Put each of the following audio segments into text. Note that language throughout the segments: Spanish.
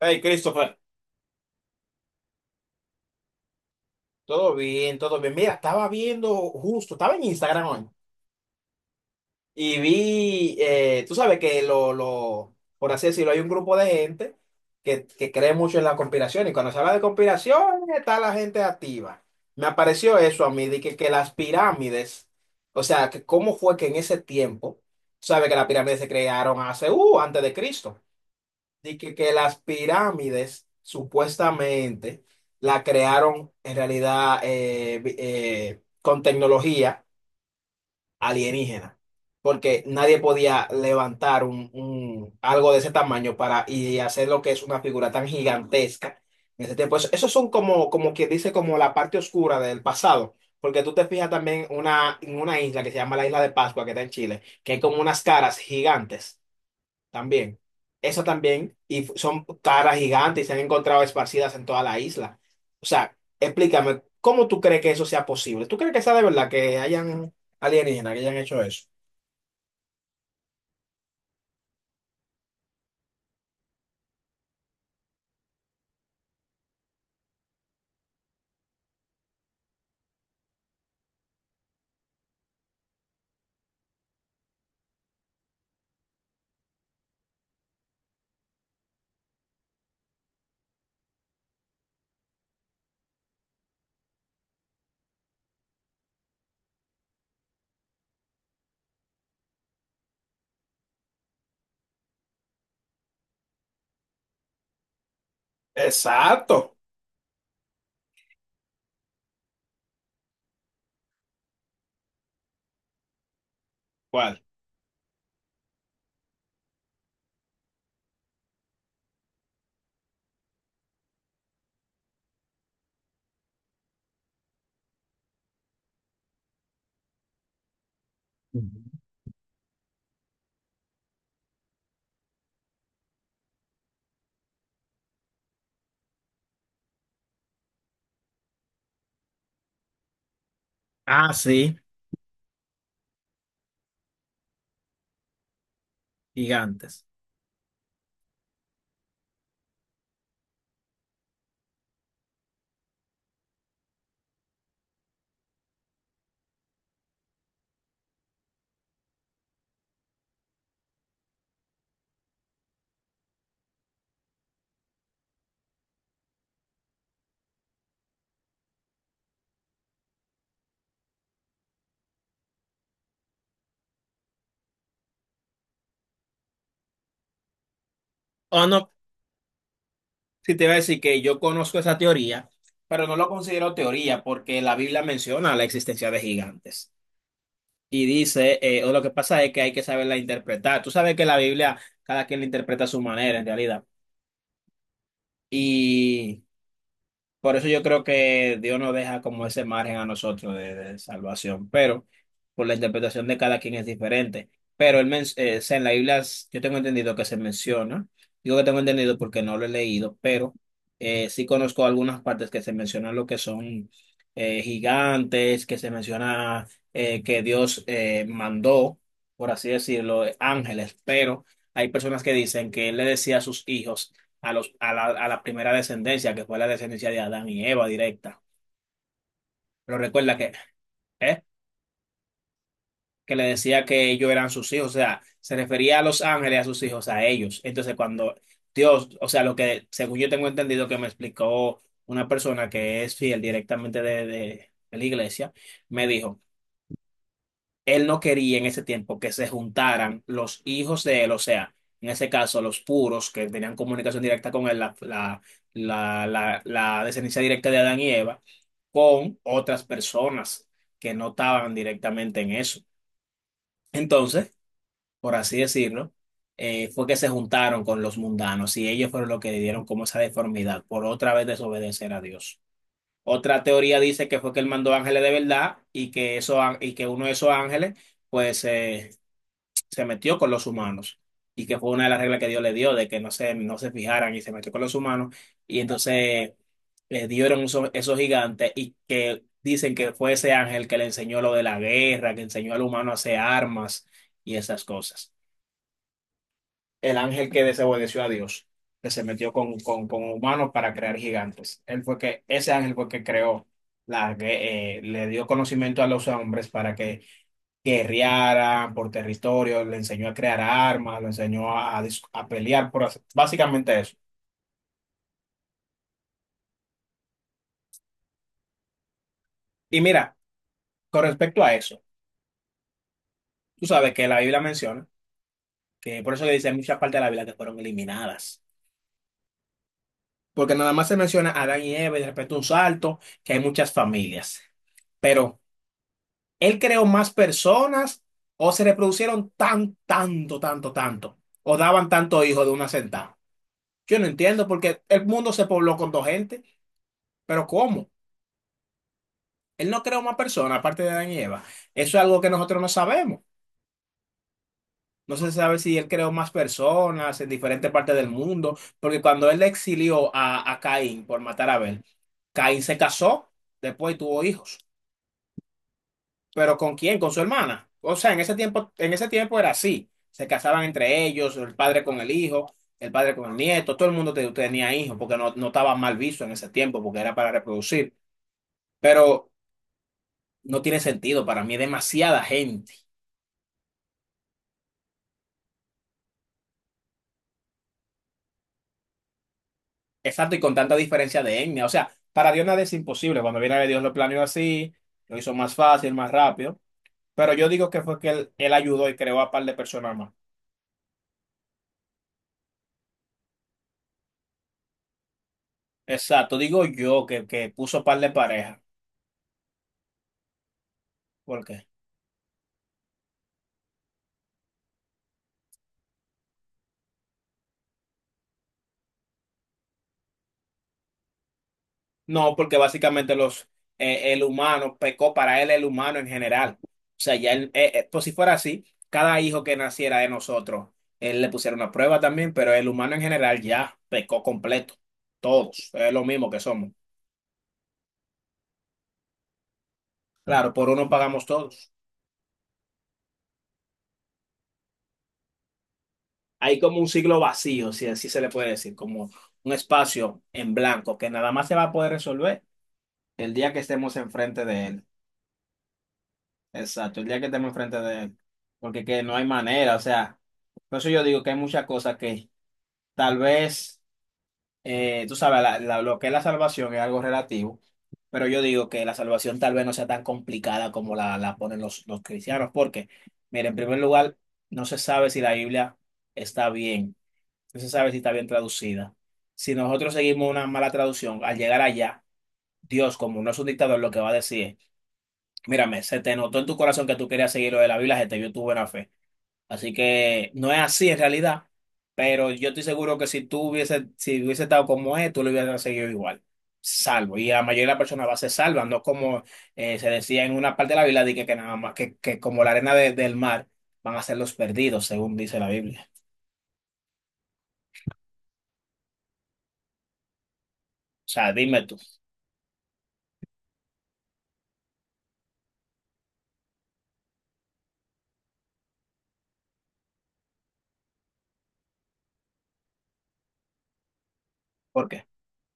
Hey, Christopher, todo bien, todo bien. Mira, estaba viendo justo, estaba en Instagram hoy y vi, tú sabes que por así decirlo, hay un grupo de gente que cree mucho en la conspiración y cuando se habla de conspiración está la gente activa. Me apareció eso a mí, de que las pirámides, o sea, que cómo fue que en ese tiempo, tú sabes que las pirámides se crearon hace, antes de Cristo. De que las pirámides supuestamente la crearon en realidad con tecnología alienígena, porque nadie podía levantar algo de ese tamaño para y hacer lo que es una figura tan gigantesca en ese tiempo. Eso, esos son como, como que dice como la parte oscura del pasado. Porque tú te fijas también en una isla que se llama la Isla de Pascua, que está en Chile, que hay como unas caras gigantes. También. Eso también. Y son caras gigantes y se han encontrado esparcidas en toda la isla. O sea, explícame, ¿cómo tú crees que eso sea posible? ¿Tú crees que sea de verdad que hayan alienígenas que hayan hecho eso? Exacto. ¿Cuál? Ujú. Ah, sí, gigantes. O no, si te iba a decir que yo conozco esa teoría, pero no lo considero teoría porque la Biblia menciona la existencia de gigantes. Y dice, o lo que pasa es que hay que saberla interpretar. Tú sabes que la Biblia, cada quien la interpreta a su manera en realidad. Y por eso yo creo que Dios nos deja como ese margen a nosotros de salvación, pero por la interpretación de cada quien es diferente. Pero o sea, en yo tengo entendido que se menciona, digo que tengo entendido porque no lo he leído, pero sí conozco algunas partes que se mencionan lo que son gigantes, que se menciona que Dios mandó, por así decirlo, ángeles, pero hay personas que dicen que él le decía a sus hijos, a la primera descendencia, que fue la descendencia de Adán y Eva directa. Pero recuerda que, ¿eh? Que le decía que ellos eran sus hijos, o sea, se refería a los ángeles, a sus hijos, a ellos. Entonces, cuando Dios, o sea, lo que, según yo tengo entendido que me explicó una persona que es fiel directamente de de la iglesia, me dijo, él no quería en ese tiempo que se juntaran los hijos de él, o sea, en ese caso, los puros que tenían comunicación directa con él, la descendencia directa de Adán y Eva, con otras personas que no estaban directamente en eso. Entonces, por así decirlo, fue que se juntaron con los mundanos y ellos fueron los que le dieron como esa deformidad por otra vez desobedecer a Dios. Otra teoría dice que fue que él mandó ángeles de verdad y que, eso, y que uno de esos ángeles pues eh, se metió con los humanos y que fue una de las reglas que Dios le dio de que no se fijaran y se metió con los humanos y entonces le dieron esos gigantes y que dicen que fue ese ángel que le enseñó lo de la guerra, que enseñó al humano a hacer armas y esas cosas. El ángel que desobedeció a Dios, que se metió con humanos para crear gigantes. Él fue que, ese ángel fue que creó la, gue- le dio conocimiento a los hombres para que guerrearan por territorio, le enseñó a crear armas, le enseñó a a pelear, por básicamente eso. Y mira, con respecto a eso, tú sabes que la Biblia menciona, que por eso que dice hay muchas partes de la Biblia que fueron eliminadas, porque nada más se menciona a Adán y Eva y de repente un salto, que hay muchas familias, pero él creó más personas o se reproducieron tan, tanto, tanto, tanto, o daban tanto hijo de una sentada. Yo no entiendo porque el mundo se pobló con dos gente, pero ¿cómo? Él no creó más personas, aparte de Adán y Eva. Eso es algo que nosotros no sabemos. No se sabe si él creó más personas en diferentes partes del mundo, porque cuando él exilió a Caín por matar a Abel, Caín se casó, después y tuvo hijos. ¿Pero con quién? Con su hermana. O sea, en ese tiempo era así. Se casaban entre ellos, el padre con el hijo, el padre con el nieto, todo el mundo tenía hijos, porque no estaba mal visto en ese tiempo, porque era para reproducir. Pero no tiene sentido, para mí, demasiada gente. Exacto, y con tanta diferencia de etnia. O sea, para Dios nada es imposible. Cuando viene a ver, Dios lo planeó así, lo hizo más fácil, más rápido. Pero yo digo que fue que él ayudó y creó a par de personas más. Exacto, digo yo que puso par de parejas. ¿Por qué? No, porque básicamente el humano pecó para él, el humano en general. O sea, ya él, pues si fuera así, cada hijo que naciera de nosotros, él le pusiera una prueba también, pero el humano en general ya pecó completo. Todos, es lo mismo que somos. Claro, por uno pagamos todos. Hay como un siglo vacío, si así se le puede decir, como un espacio en blanco que nada más se va a poder resolver el día que estemos enfrente de él. Exacto, el día que estemos enfrente de él. Porque que no hay manera, o sea, por eso yo digo que hay muchas cosas que tal vez, tú sabes, lo que es la salvación es algo relativo, pero yo digo que la salvación tal vez no sea tan complicada como la ponen los cristianos, porque, mira, en primer lugar, no se sabe si la Biblia está bien. No se sabe si está bien traducida. Si nosotros seguimos una mala traducción, al llegar allá, Dios, como no es un dictador, lo que va a decir es, mírame, se te notó en tu corazón que tú querías seguir lo de la Biblia, se te vio tu buena fe. Así que no es así en realidad, pero yo estoy seguro que si si hubiese estado como es, tú lo hubieras seguido igual, salvo. Y la mayoría de las personas va a ser salva, no como se decía en una parte de la Biblia, de que nada más, que como la arena del mar van a ser los perdidos, según dice la Biblia. O sea, dime tú, ¿por qué?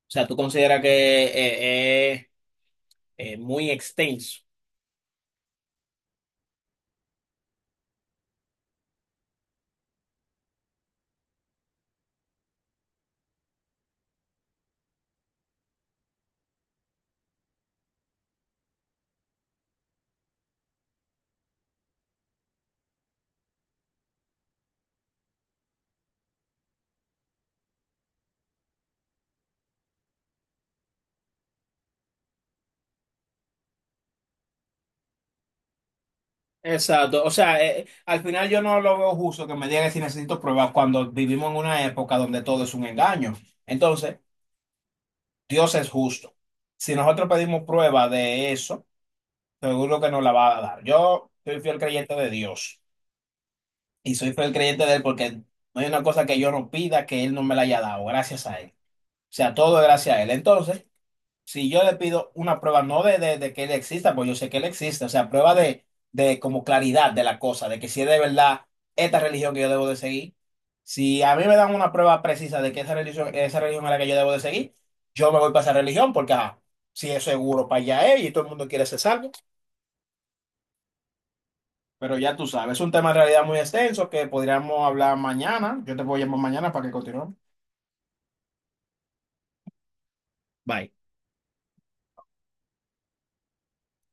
O sea, tú consideras que eh, es muy extenso. Exacto. O sea, al final yo no lo veo justo que me digan si necesito pruebas cuando vivimos en una época donde todo es un engaño. Entonces, Dios es justo. Si nosotros pedimos prueba de eso, seguro que nos la va a dar. Yo soy fiel creyente de Dios y soy fiel creyente de Él porque no hay una cosa que yo no pida que Él no me la haya dado, gracias a Él. O sea, todo es gracias a Él. Entonces, si yo le pido una prueba, no de que él exista, pues yo sé que él existe, o sea, prueba de como claridad de la cosa, de que si es de verdad esta religión que yo debo de seguir, si a mí me dan una prueba precisa de que esa religión es la que yo debo de seguir, yo me voy para esa religión porque, ajá, si es seguro para allá es y todo el mundo quiere ser salvo, pero ya tú sabes, es un tema en realidad muy extenso que podríamos hablar mañana, yo te voy a llamar mañana para que continuemos. Bye.